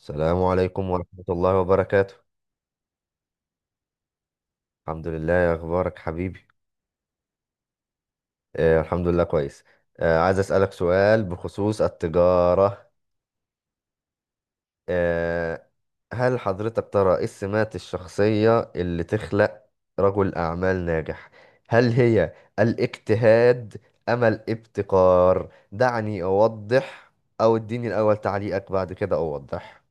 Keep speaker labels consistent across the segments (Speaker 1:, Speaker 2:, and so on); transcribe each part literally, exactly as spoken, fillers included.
Speaker 1: السلام عليكم ورحمة الله وبركاته. الحمد لله، يا أخبارك حبيبي؟ آه الحمد لله كويس. آه عايز أسألك سؤال بخصوص التجارة. آه هل حضرتك ترى إيه السمات الشخصية اللي تخلق رجل أعمال ناجح؟ هل هي الاجتهاد أم الابتكار؟ دعني أوضح، أو اديني الأول تعليقك بعد كده أوضح.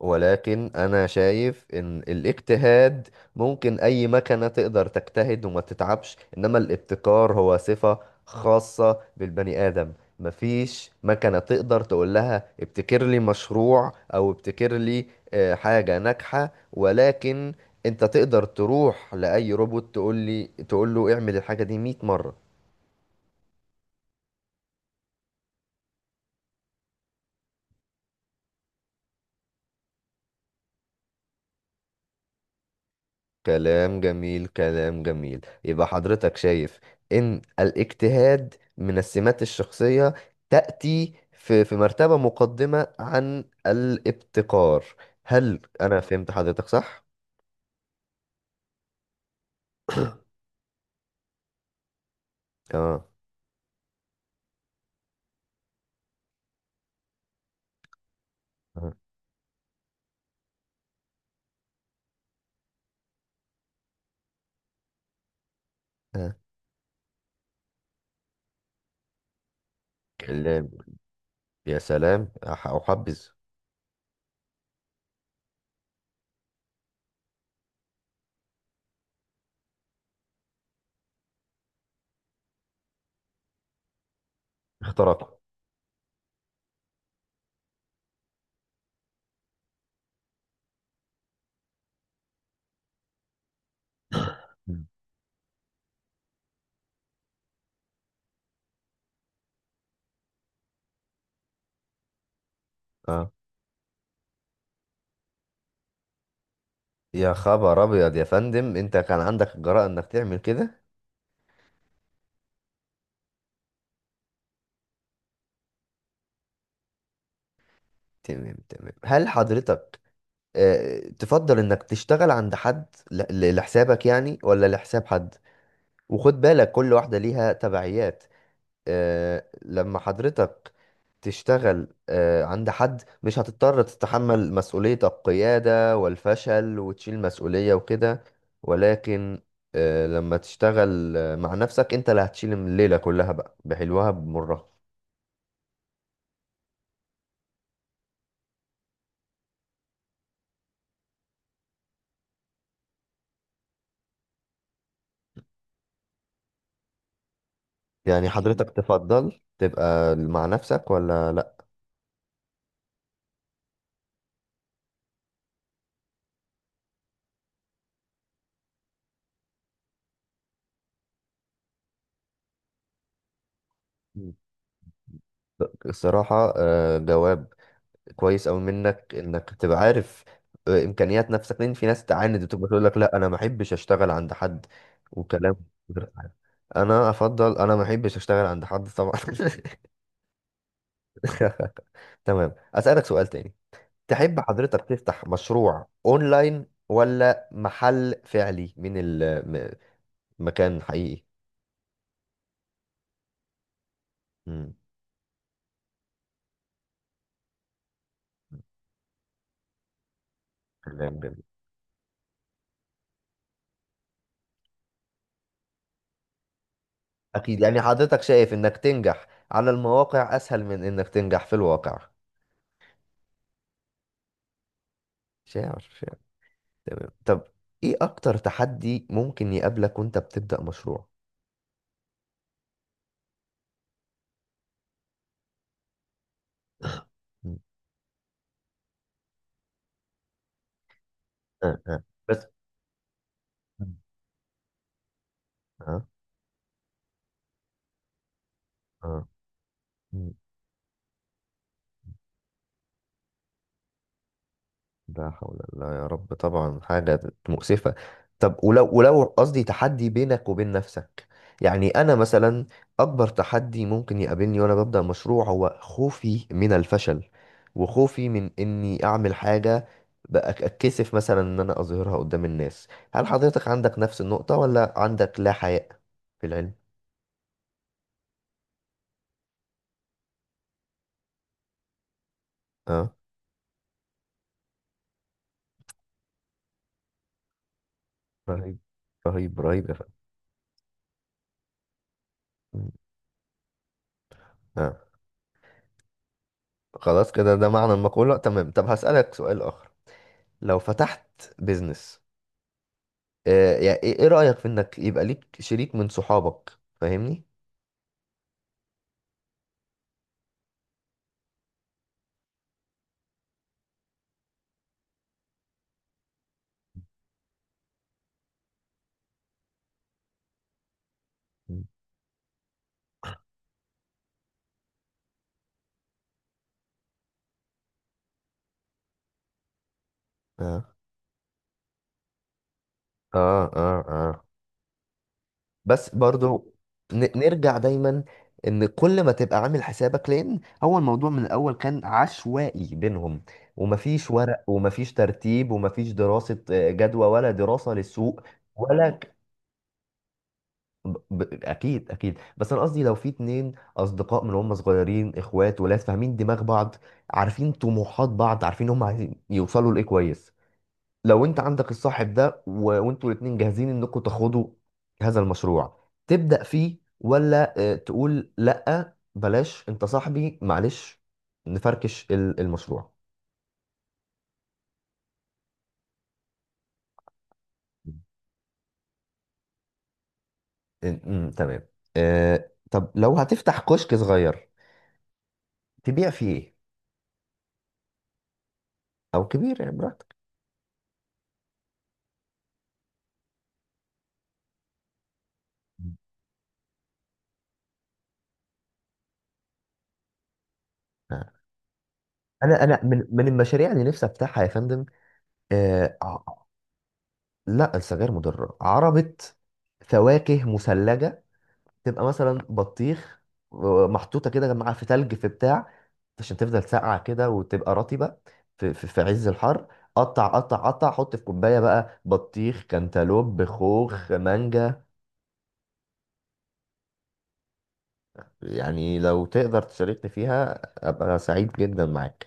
Speaker 1: ولكن انا شايف ان الاجتهاد ممكن اي مكنة تقدر تجتهد وما تتعبش، انما الابتكار هو صفة خاصة بالبني ادم. مفيش مكنة تقدر تقول لها ابتكر لي مشروع او ابتكر لي آه، حاجة ناجحة، ولكن انت تقدر تروح لاي روبوت تقول لي تقول له اعمل الحاجة دي مية مرة. كلام جميل، كلام جميل. يبقى حضرتك شايف ان الاجتهاد من السمات الشخصية تأتي في في مرتبة مقدمة عن الابتكار. هل انا فهمت حضرتك صح؟ اه. اه. آه. كلام. يا سلام، أح- احبذ. اختراق. مم. اه. يا خبر ابيض يا فندم، انت كان عندك الجرأة انك تعمل كده؟ تمام، تمام. هل حضرتك آه، تفضل انك تشتغل عند حد ل- ل- لحسابك يعني، ولا لحساب حد؟ وخد بالك كل واحدة ليها تبعيات. آه، لما حضرتك تشتغل آه، عند حد مش هتضطر تتحمل مسؤولية القيادة والفشل وتشيل مسؤولية وكده، ولكن آه، لما تشتغل آه، مع نفسك انت اللي هتشيل الليلة كلها بقى، بحلوها بمرها. يعني حضرتك تفضل تبقى مع نفسك ولا لا؟ مم. الصراحة آه، جواب كويس أوي منك إنك تبقى عارف آه، إمكانيات نفسك، لأن في ناس تعاند بتبقى تقول لك لا أنا ما أحبش أشتغل عند حد وكلام غير عارف. أنا أفضل، أنا ما أحبش أشتغل عند حد طبعا تمام، أسألك سؤال تاني. تحب حضرتك تفتح مشروع أونلاين، ولا محل فعلي من المكان حقيقي؟ مم. كلام جميل. أكيد، يعني حضرتك شايف إنك تنجح على المواقع أسهل من إنك تنجح في الواقع. شاعر. تمام، طب ايه اكتر تحدي ممكن يقابلك وانت بتبدأ مشروع؟ مم. آه آه. بس. مم. آه آه. مم. لا حول الله يا رب، طبعا حاجة مؤسفة. طب ولو ولو قصدي تحدي بينك وبين نفسك، يعني أنا مثلا أكبر تحدي ممكن يقابلني وأنا ببدأ مشروع هو خوفي من الفشل، وخوفي من إني أعمل حاجة بأك- أتكسف مثلا إن أنا أظهرها قدام الناس. هل حضرتك عندك نفس النقطة، ولا عندك لا حياء في العلم؟ اه. رهيب. رهيب، رهيب يا فندم. اه. خلاص كده، ده معنى المقولة. تمام، طب هسألك سؤال آخر. لو فتحت بيزنس آه يعني ايه، إيه رأيك في انك يبقى ليك شريك من صحابك؟ فاهمني. مم. اه اه اه اه. بس برضو ن- نرجع دايما ان كل ما تبقى عامل حسابك، لان هو الموضوع من الاول كان عشوائي بينهم، ومفيش ورق ومفيش ترتيب ومفيش دراسة آه، جدوى ولا دراسة للسوق ولا ب... ب... اكيد، اكيد. بس انا قصدي لو في اتنين اصدقاء من هم صغيرين، اخوات، ولاد فاهمين دماغ بعض، عارفين طموحات بعض، عارفين هم عايزين يوصلوا لايه كويس. لو انت عندك الصاحب ده و... وانتوا الاتنين جاهزين انكم تاخدوا هذا المشروع تبدأ فيه، ولا آه، تقول لا بلاش انت صاحبي معلش، نفركش ال- المشروع؟ م- م- تمام. آه، طب لو هتفتح كشك صغير تبيع فيه ايه، او كبير يعني؟ براحتك. انا انا من من المشاريع اللي نفسي افتحها يا فندم. آه ع- لا، السجاير مضره. عربه فواكه مثلجه، تبقى مثلا بطيخ آه، محطوطه كده مع في تلج في بتاع عشان تفضل ساقعه كده وتبقى رطبه في, في, في عز الحر. قطع قطع قطع، حط في كوبايه بقى بطيخ كانتالوب خوخ مانجا. يعني لو تقدر تشاركني فيها ابقى سعيد جدا معاك.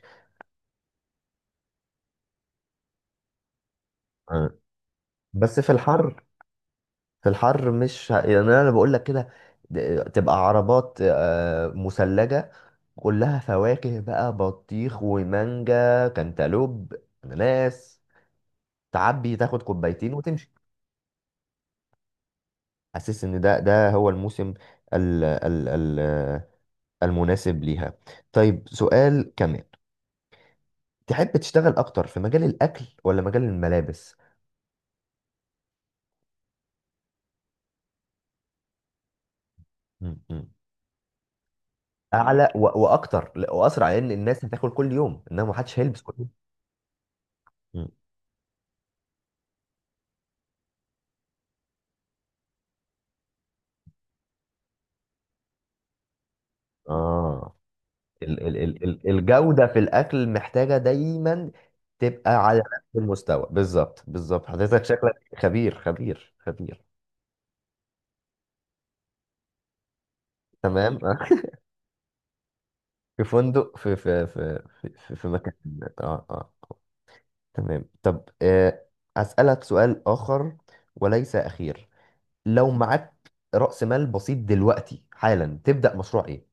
Speaker 1: آه، بس في الحر، في الحر مش ه... يعني انا بقول لك كده، د- تبقى عربات آه، مثلجة كلها فواكه بقى بطيخ ومانجا كانتالوب اناناس، تعبي تاخد كوبايتين وتمشي. حاسس ان ده ده هو الموسم ال... ال... ال... المناسب ليها. طيب، سؤال كمان. تحب تشتغل اكتر في مجال الاكل ولا مجال الملابس؟ م- م. اعلى و... واكتر، لأ، واسرع، لان الناس هتاكل كل يوم انما محدش هيلبس كل يوم. م. اه. ال- ال- ال- ال- الجودة في الأكل محتاجة دايما تبقى على نفس المستوى. بالظبط، بالظبط، حضرتك شكلك خبير، خبير، خبير. تمام في فندق، في في في في, في في مكان. اه، اه. تمام، طب آه أسألك سؤال آخر وليس أخير. لو معاك رأس مال بسيط دلوقتي حالا تبدأ مشروع إيه؟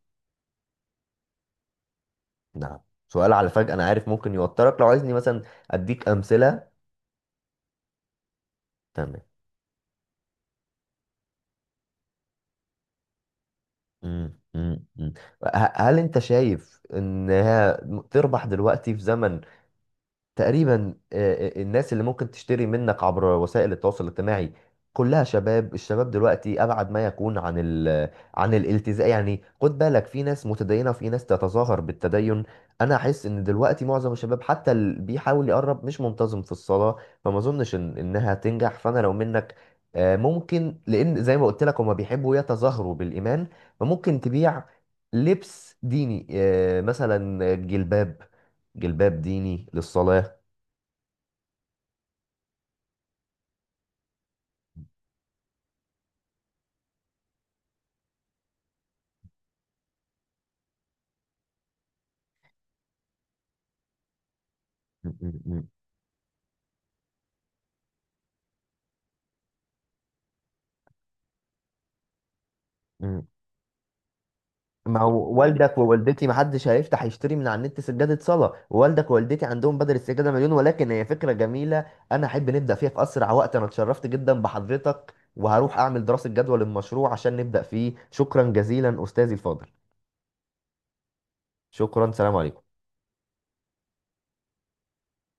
Speaker 1: نعم. سؤال على فجأة، أنا عارف ممكن يوترك، لو عايزني مثلا أديك أمثلة. تمام. مم. مم. مم. ه- هل انت شايف ان هي تربح دلوقتي في زمن تقريبا آه، آه، الناس اللي ممكن تشتري منك عبر وسائل التواصل الاجتماعي كلها شباب. الشباب دلوقتي ابعد ما يكون عن ال عن الالتزام. يعني خد بالك، في ناس متدينه وفي ناس تتظاهر بالتدين. انا احس ان دلوقتي معظم الشباب حتى اللي بيحاول يقرب مش منتظم في الصلاه، فما اظنش إن انها تنجح. فانا لو منك آه، ممكن، لان زي ما قلت لك هما بيحبوا يتظاهروا بالايمان، فممكن تبيع لبس ديني آه، مثلا جلباب، جلباب ديني للصلاه. م- م- م- م. ما هو والدك ووالدتي ما حدش هيفتح يشتري من على النت سجادة صلاة. والدك ووالدتي عندهم بدل السجادة مليون. ولكن هي فكرة جميلة، أنا أحب نبدأ فيها في أسرع وقت. أنا اتشرفت جدا بحضرتك وهروح أعمل دراسة جدوى للمشروع عشان نبدأ فيه. شكرا جزيلا أستاذي الفاضل. شكرا، سلام عليكم.